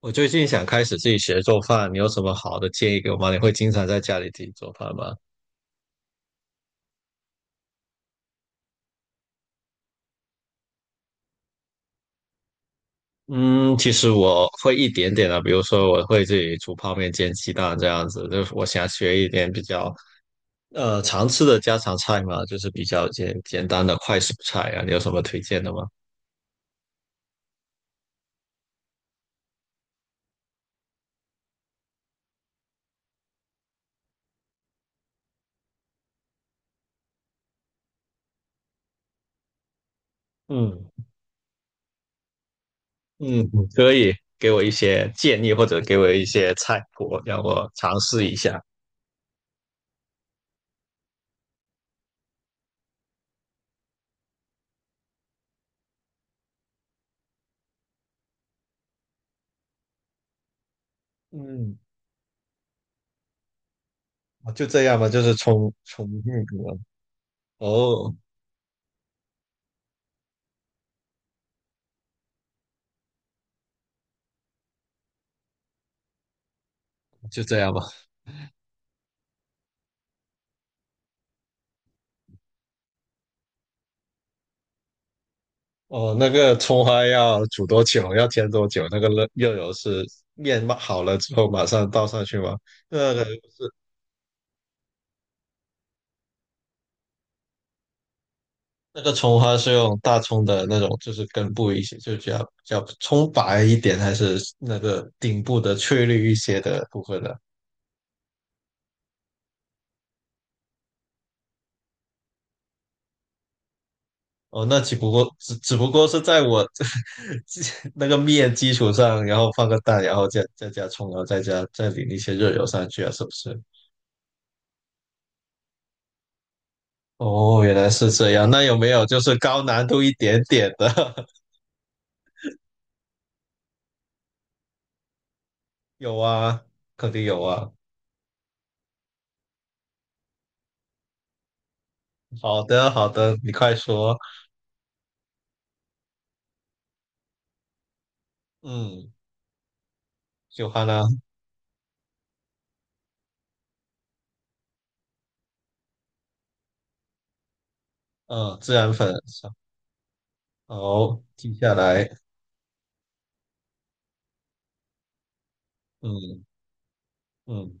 我最近想开始自己学做饭，你有什么好的建议给我吗？你会经常在家里自己做饭吗？嗯，其实我会一点点的，比如说我会自己煮泡面、煎鸡蛋这样子，就是我想学一点比较常吃的家常菜嘛，就是比较简单的快速菜啊，你有什么推荐的吗？嗯嗯，可以给我一些建议或者给我一些菜谱，让我尝试一下。嗯，就这样吧，就是冲冲那个哦，就这样吧。哦，那个葱花要煮多久？要煎多久？那个热油是面嘛好了之后马上倒上去吗？那个那个葱花是用大葱的那种，就是根部一些，就比较葱白一点，还是那个顶部的翠绿一些的部分呢？哦，那只不过是在我 基那个面基础上，然后放个蛋，然后再加葱，然后再加再淋一些热油上去啊，是不是？哦，原来是这样。那有没有就是高难度一点点的？有啊，肯定有啊。好的，好的，你快说。嗯，喜欢啊，嗯，孜然粉，好，记下来。嗯嗯，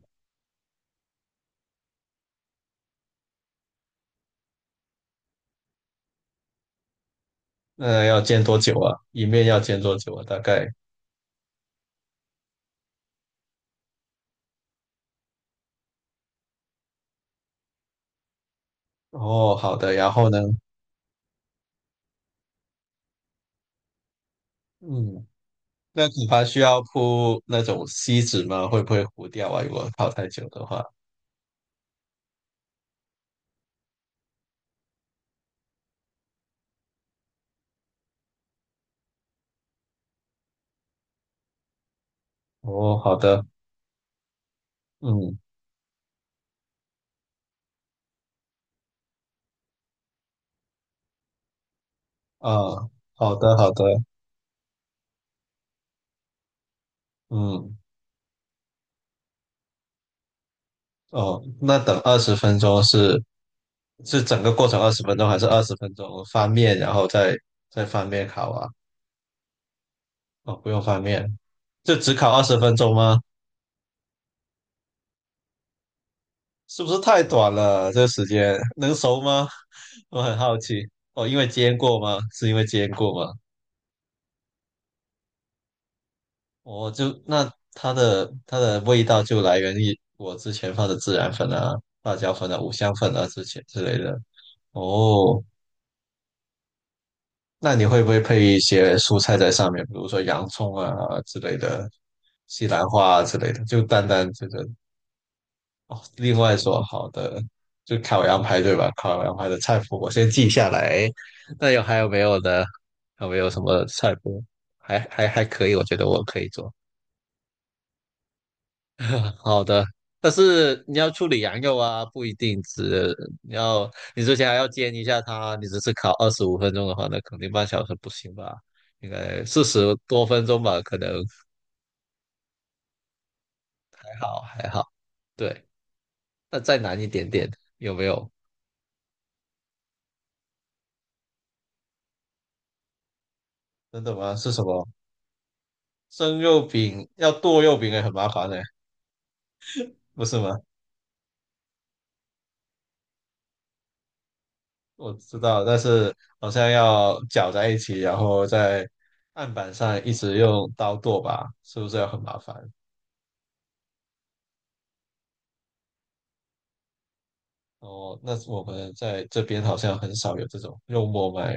那要煎多久啊？一面要煎多久啊？大概。哦，好的。然后呢？嗯，那骨盘需要铺那种锡纸吗？会不会糊掉啊？如果泡太久的话。哦，好的。嗯啊，好的，好的。嗯，哦，那等二十分钟是整个过程二十分钟还是二十分钟翻面，然后再翻面烤啊？哦，不用翻面，就只烤二十分钟吗？是不是太短了？这个时间能熟吗？我很好奇。哦，因为煎过吗？是因为煎过吗？我就那它的味道就来源于我之前放的孜然粉啊、辣椒粉啊、五香粉啊之前之类的。哦，那你会不会配一些蔬菜在上面，比如说洋葱啊之类的，西兰花啊之类的？就单单这个哦。另外说好的，就烤羊排对吧？烤羊排的菜谱我先记下来。那还有没有呢？还有没有什么菜谱？还可以，我觉得我可以做。好的，但是你要处理羊肉啊，不一定只你要你之前还要煎一下它，你只是烤25分钟的话，那肯定半小时不行吧？应该40多分钟吧，可能还好还好。对，那再难一点点，有没有？真的吗？是什么？生肉饼要剁肉饼也很麻烦呢，不是吗？我知道，但是好像要搅在一起，然后在案板上一直用刀剁吧，是不是要很麻烦？哦，那我们在这边好像很少有这种肉末卖，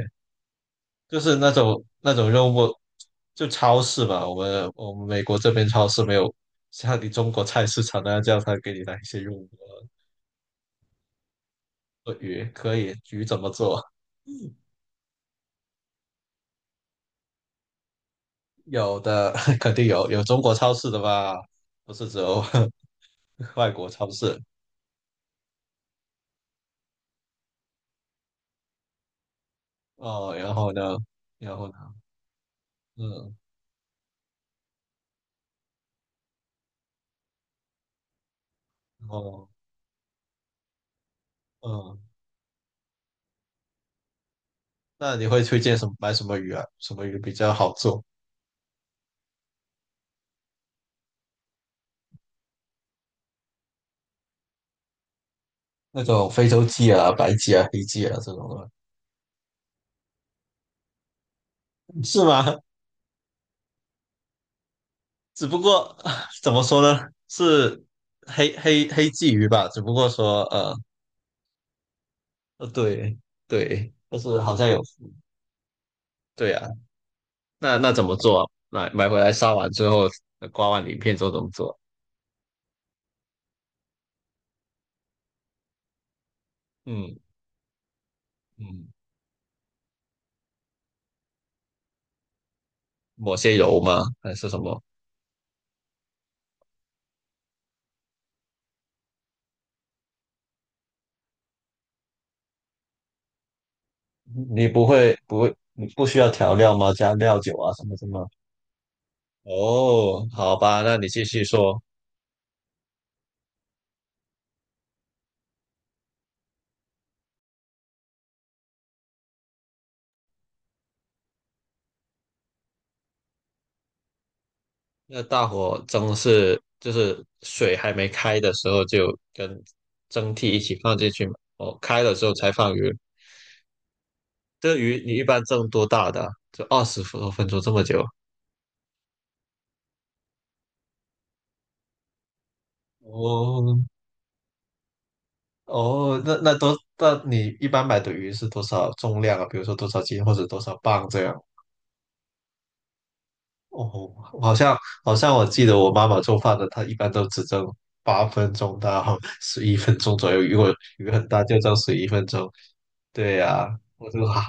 就是那种肉末，就超市吧。我们美国这边超市没有像你中国菜市场那样，叫他给你来一些肉末、鳄鱼，可以，鱼怎么做？有的 肯定有，有中国超市的吧，不是只有 外国超市哦。然后呢，然后呢，嗯，哦，嗯，那你会推荐什么买什么鱼啊？什么鱼比较好做？那种非洲鲫啊、白鲫啊、黑鲫啊这种的，是吗？只不过啊 怎么说呢，是黑鲫鱼吧？只不过说对对，就是好像有对啊。那怎么做啊买回来杀完之后，刮完鳞片之后怎么做？嗯嗯，抹些油吗？还是什么？你不会不会，你不需要调料吗？加料酒啊什么什么？哦，好吧，那你继续说。那大火蒸是就是水还没开的时候就跟蒸屉一起放进去嘛，哦，开了之后才放鱼。这个鱼你一般蒸多大的啊就20多分钟这么久？哦哦，那你一般买的鱼是多少重量啊？比如说多少斤或者多少磅这样？哦，好像好像我记得我妈妈做饭的，她一般都只蒸8分钟到十一分钟左右，如果鱼很大就蒸十一分钟。对呀、我就 哈。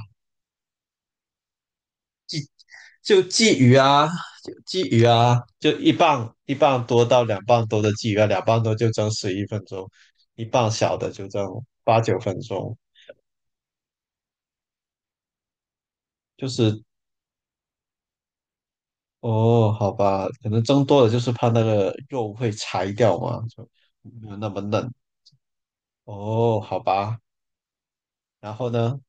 就鲫鱼啊，就鲫鱼啊，就一磅多到两磅多的鲫鱼啊，两磅多就蒸十一分钟，一磅小的就蒸八九分钟。就是哦，好吧，可能蒸多了就是怕那个肉会柴掉嘛，就没有那么嫩。哦，好吧，然后呢？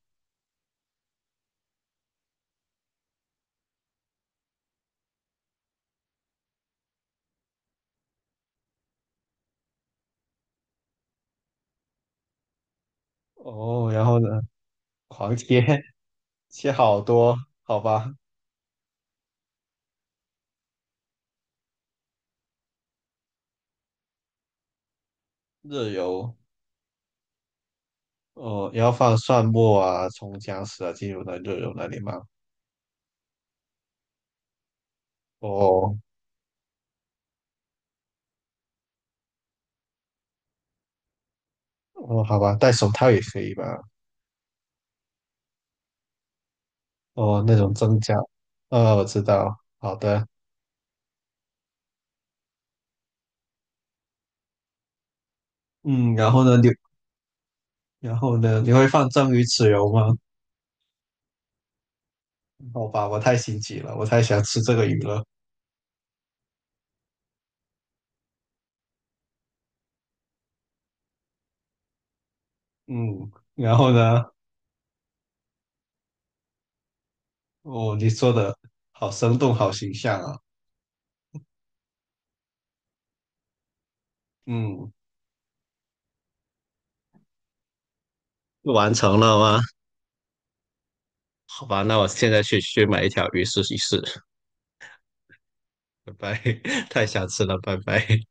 哦，然后呢？狂切 切好多，好吧，热油。哦，要放蒜末啊、葱、姜丝啊进入那热油那里吗？哦，哦，好吧，戴手套也可以吧？哦，那种蒸饺，哦，我知道，好的，嗯，然后呢，你会放蒸鱼豉油吗？好吧，我太心急了，我太想吃这个鱼了，嗯，然后呢，哦，你说的好生动，好形象啊，嗯，完成了吗？好吧，那我现在去买一条鱼试一试，拜拜，太想吃了，拜拜。